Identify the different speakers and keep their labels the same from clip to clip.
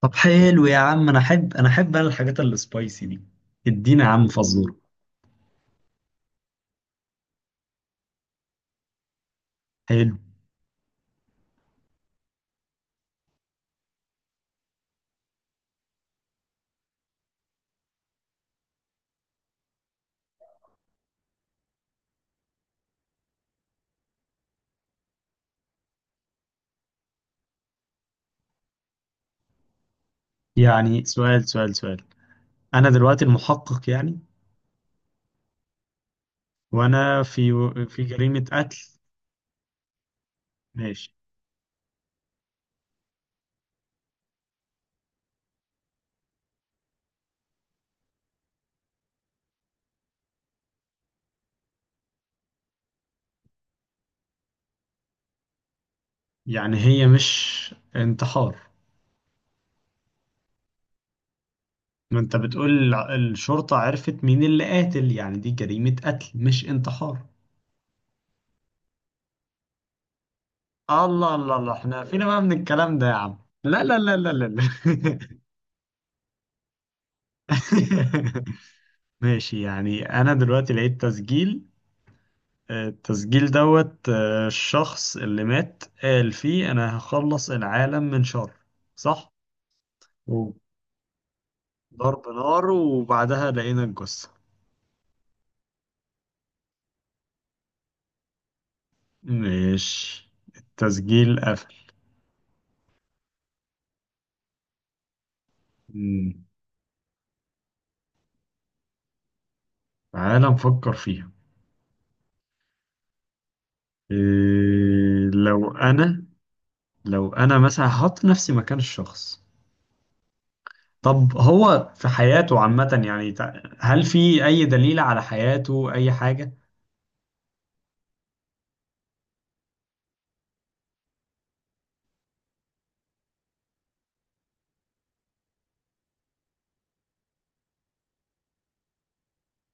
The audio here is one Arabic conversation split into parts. Speaker 1: طب حلو يا عم، انا احب الحاجات السبايسي دي. ادينا يا عم فزوره. حلو. يعني سؤال. انا دلوقتي المحقق يعني. وانا في في جريمة قتل. ماشي. يعني هي مش انتحار؟ ما انت بتقول الشرطة عرفت مين اللي قاتل، يعني دي جريمة قتل مش انتحار. الله الله الله، احنا فينا بقى من الكلام ده يا عم. لا لا لا لا لا لا. ماشي، يعني انا دلوقتي لقيت تسجيل، التسجيل دوت الشخص اللي مات قال فيه أنا هخلص العالم من شر، صح؟ وضرب نار، وبعدها لقينا الجثة. ماشي، التسجيل قفل. مم. تعالى نفكر فيها. إيه، لو أنا، لو أنا مثلا هحط نفسي مكان الشخص. طب هو في حياته عامة يعني هل في أي دليل على حياته، أي حاجة؟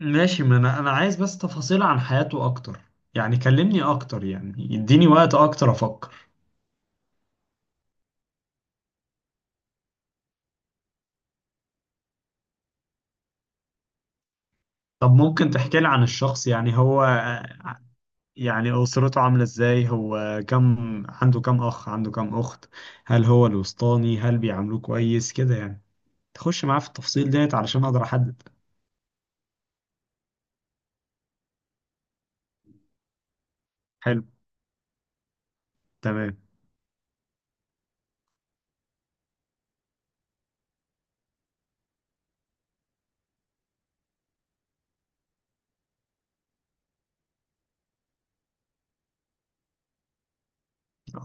Speaker 1: ماشي، ما انا انا عايز بس تفاصيل عن حياته اكتر، يعني كلمني اكتر، يعني يديني وقت اكتر افكر. طب ممكن تحكي لي عن الشخص؟ يعني هو، يعني اسرته عاملة ازاي، هو كم، عنده كم اخ، عنده كم اخت، هل هو الوسطاني، هل بيعاملوه كويس كده يعني. تخش معاه في التفاصيل ديت علشان اقدر احدد. حلو، تمام.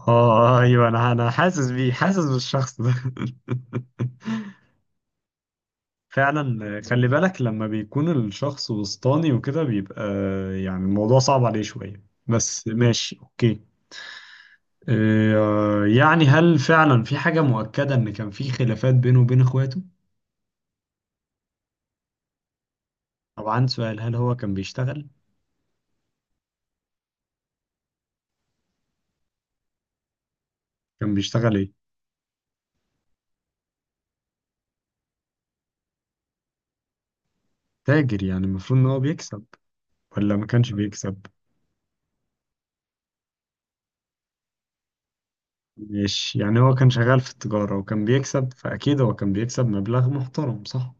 Speaker 1: اه ايوه، انا حاسس بيه، حاسس بالشخص ده. فعلا خلي بالك، لما بيكون الشخص وسطاني وكده بيبقى يعني الموضوع صعب عليه شوية، بس ماشي اوكي. يعني هل فعلا في حاجة مؤكدة ان كان في خلافات بينه وبين اخواته؟ طبعا، سؤال، هل هو كان بيشتغل؟ كان بيشتغل ايه؟ تاجر، يعني المفروض ان هو بيكسب ولا ما كانش بيكسب؟ مش يعني هو كان شغال في التجارة وكان بيكسب، فأكيد هو كان بيكسب مبلغ محترم، صح؟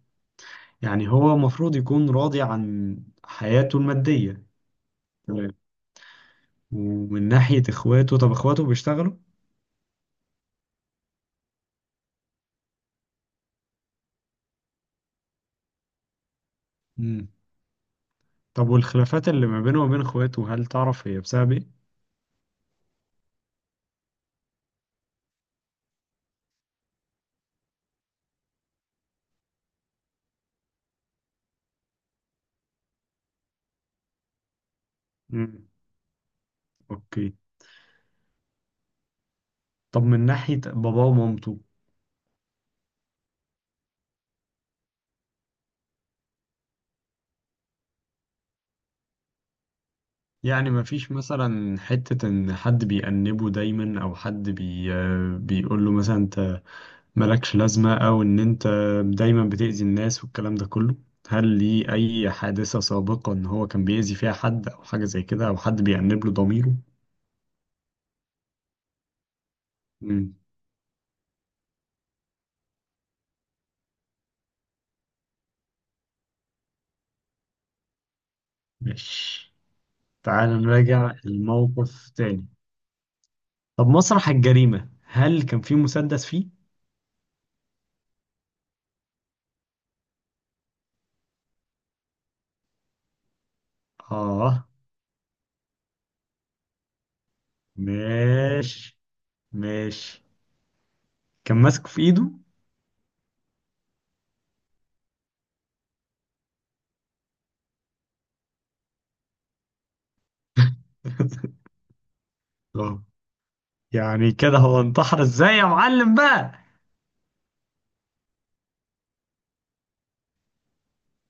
Speaker 1: يعني هو المفروض يكون راضي عن حياته المادية. ومن ناحية اخواته، طب اخواته بيشتغلوا؟ امم. طب والخلافات اللي ما بينه وبين اخواته، هل تعرف هي بسبب ايه؟ مم. اوكي. طب من ناحية باباه ومامته، يعني ما فيش مثلا حتة ان حد بيأنبه دايما، او حد بيقول له مثلا انت مالكش لازمة، او ان انت دايما بتأذي الناس والكلام ده كله. هل ليه اي حادثة سابقة ان هو كان بيأذي فيها حد او حاجة زي كده، او حد بيأنب له ضميره؟ مم. ماشي، تعال نراجع الموقف تاني. طب مسرح الجريمة، هل كان في مسدس فيه؟ آه. ماشي ماشي. كان ماسكه في إيده؟ آه. يعني كده هو انتحر إزاي يا معلم بقى؟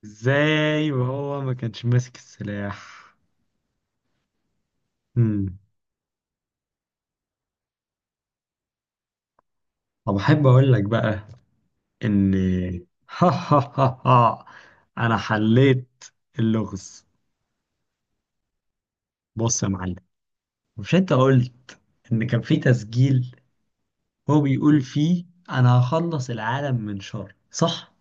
Speaker 1: إزاي وهو ما كانش ماسك السلاح؟ مم. طب أحب أقول لك بقى إن ها ها ها ها، أنا حليت اللغز. بص يا معلم، مش أنت قلت إن كان في تسجيل، هو بيقول فيه أنا هخلص العالم من شر، صح؟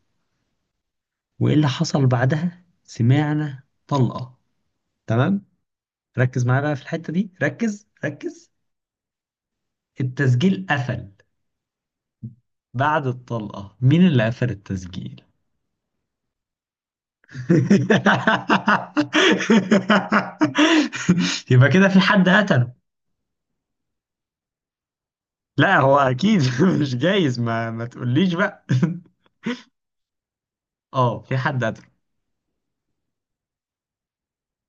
Speaker 1: وإيه اللي حصل بعدها؟ سمعنا طلقة، تمام. ركز معايا بقى في الحتة دي، ركز ركز. التسجيل قفل بعد الطلقة، مين اللي قفل التسجيل؟ يبقى كده في حد قتله. لا هو أكيد مش جايز، ما تقوليش بقى. اه، في حد قتله.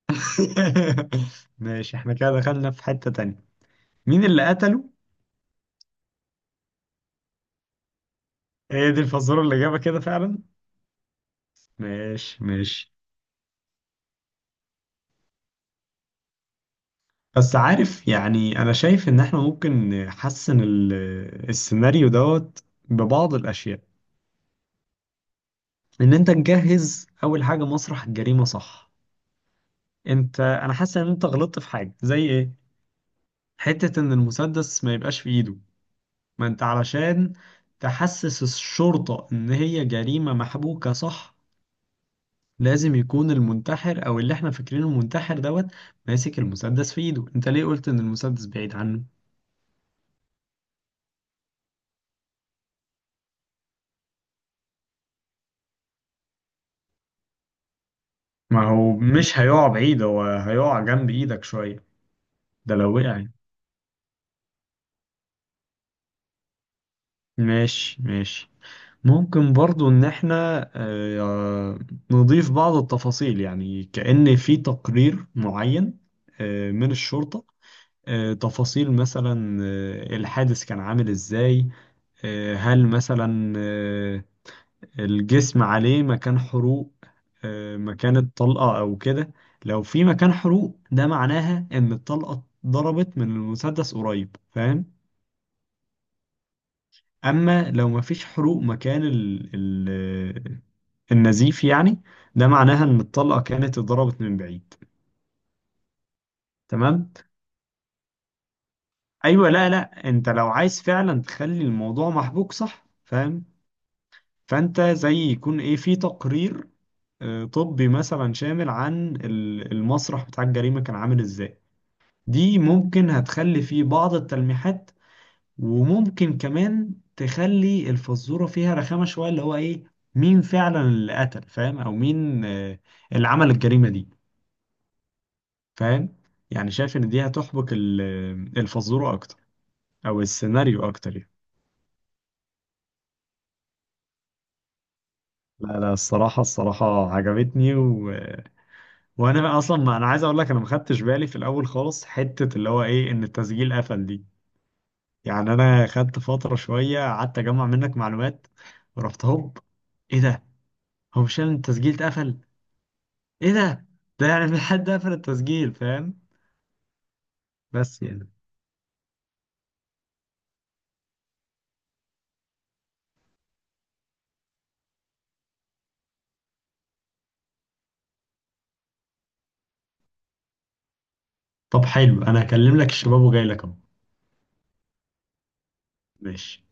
Speaker 1: ماشي، احنا كده دخلنا في حتة تانية. مين اللي قتله؟ هي دي الفزورة اللي جابها كده فعلا. ماشي ماشي. بس عارف، يعني انا شايف ان احنا ممكن نحسن السيناريو دوت ببعض الاشياء. ان انت تجهز اول حاجة، مسرح الجريمة، صح؟ انا حاسس ان انت غلطت في حاجة، زي ايه؟ حتة ان المسدس ما يبقاش في ايده. ما انت علشان تحسس الشرطة ان هي جريمة محبوكة صح، لازم يكون المنتحر او اللي احنا فاكرينه منتحر دوت ماسك المسدس في ايده. انت ليه قلت ان المسدس بعيد عنه؟ ما هو مش هيقع بعيد، هو هيقع جنب ايدك شوية، ده لو وقع يعني. ماشي ماشي. ممكن برضو ان احنا نضيف بعض التفاصيل، يعني كأن في تقرير معين من الشرطة، تفاصيل مثلا الحادث كان عامل ازاي، هل مثلا الجسم عليه مكان حروق، مكان الطلقة أو كده. لو في مكان حروق، ده معناها إن الطلقة ضربت من المسدس قريب، فاهم؟ أما لو مفيش حروق مكان ال النزيف يعني، ده معناها إن الطلقة كانت اتضربت من بعيد. تمام. أيوة، لا لا، أنت لو عايز فعلا تخلي الموضوع محبوك صح، فاهم؟ فأنت زي يكون إيه، في تقرير طبي مثلا شامل عن المسرح بتاع الجريمة كان عامل إزاي. دي ممكن هتخلي فيه بعض التلميحات، وممكن كمان تخلي الفزورة فيها رخامة شوية، اللي هو ايه، مين فعلا اللي قتل، فاهم؟ او مين اللي عمل الجريمة دي، فاهم؟ يعني شايف ان دي هتحبك الفزورة اكتر، او السيناريو اكتر يعني. لا لا، الصراحة الصراحة عجبتني. و... وأنا أصلا، ما أنا عايز أقول لك، أنا ما خدتش بالي في الأول خالص حتة اللي هو إيه، إن التسجيل قفل دي. يعني انا خدت فتره شويه قعدت اجمع منك معلومات، ورحت هوب، ايه ده، هو مش يعني التسجيل اتقفل، ايه ده، ده يعني في حد قفل التسجيل، فاهم؟ بس يعني. طب حلو، انا هكلم لك الشباب وجاي لك اهو. ماشي.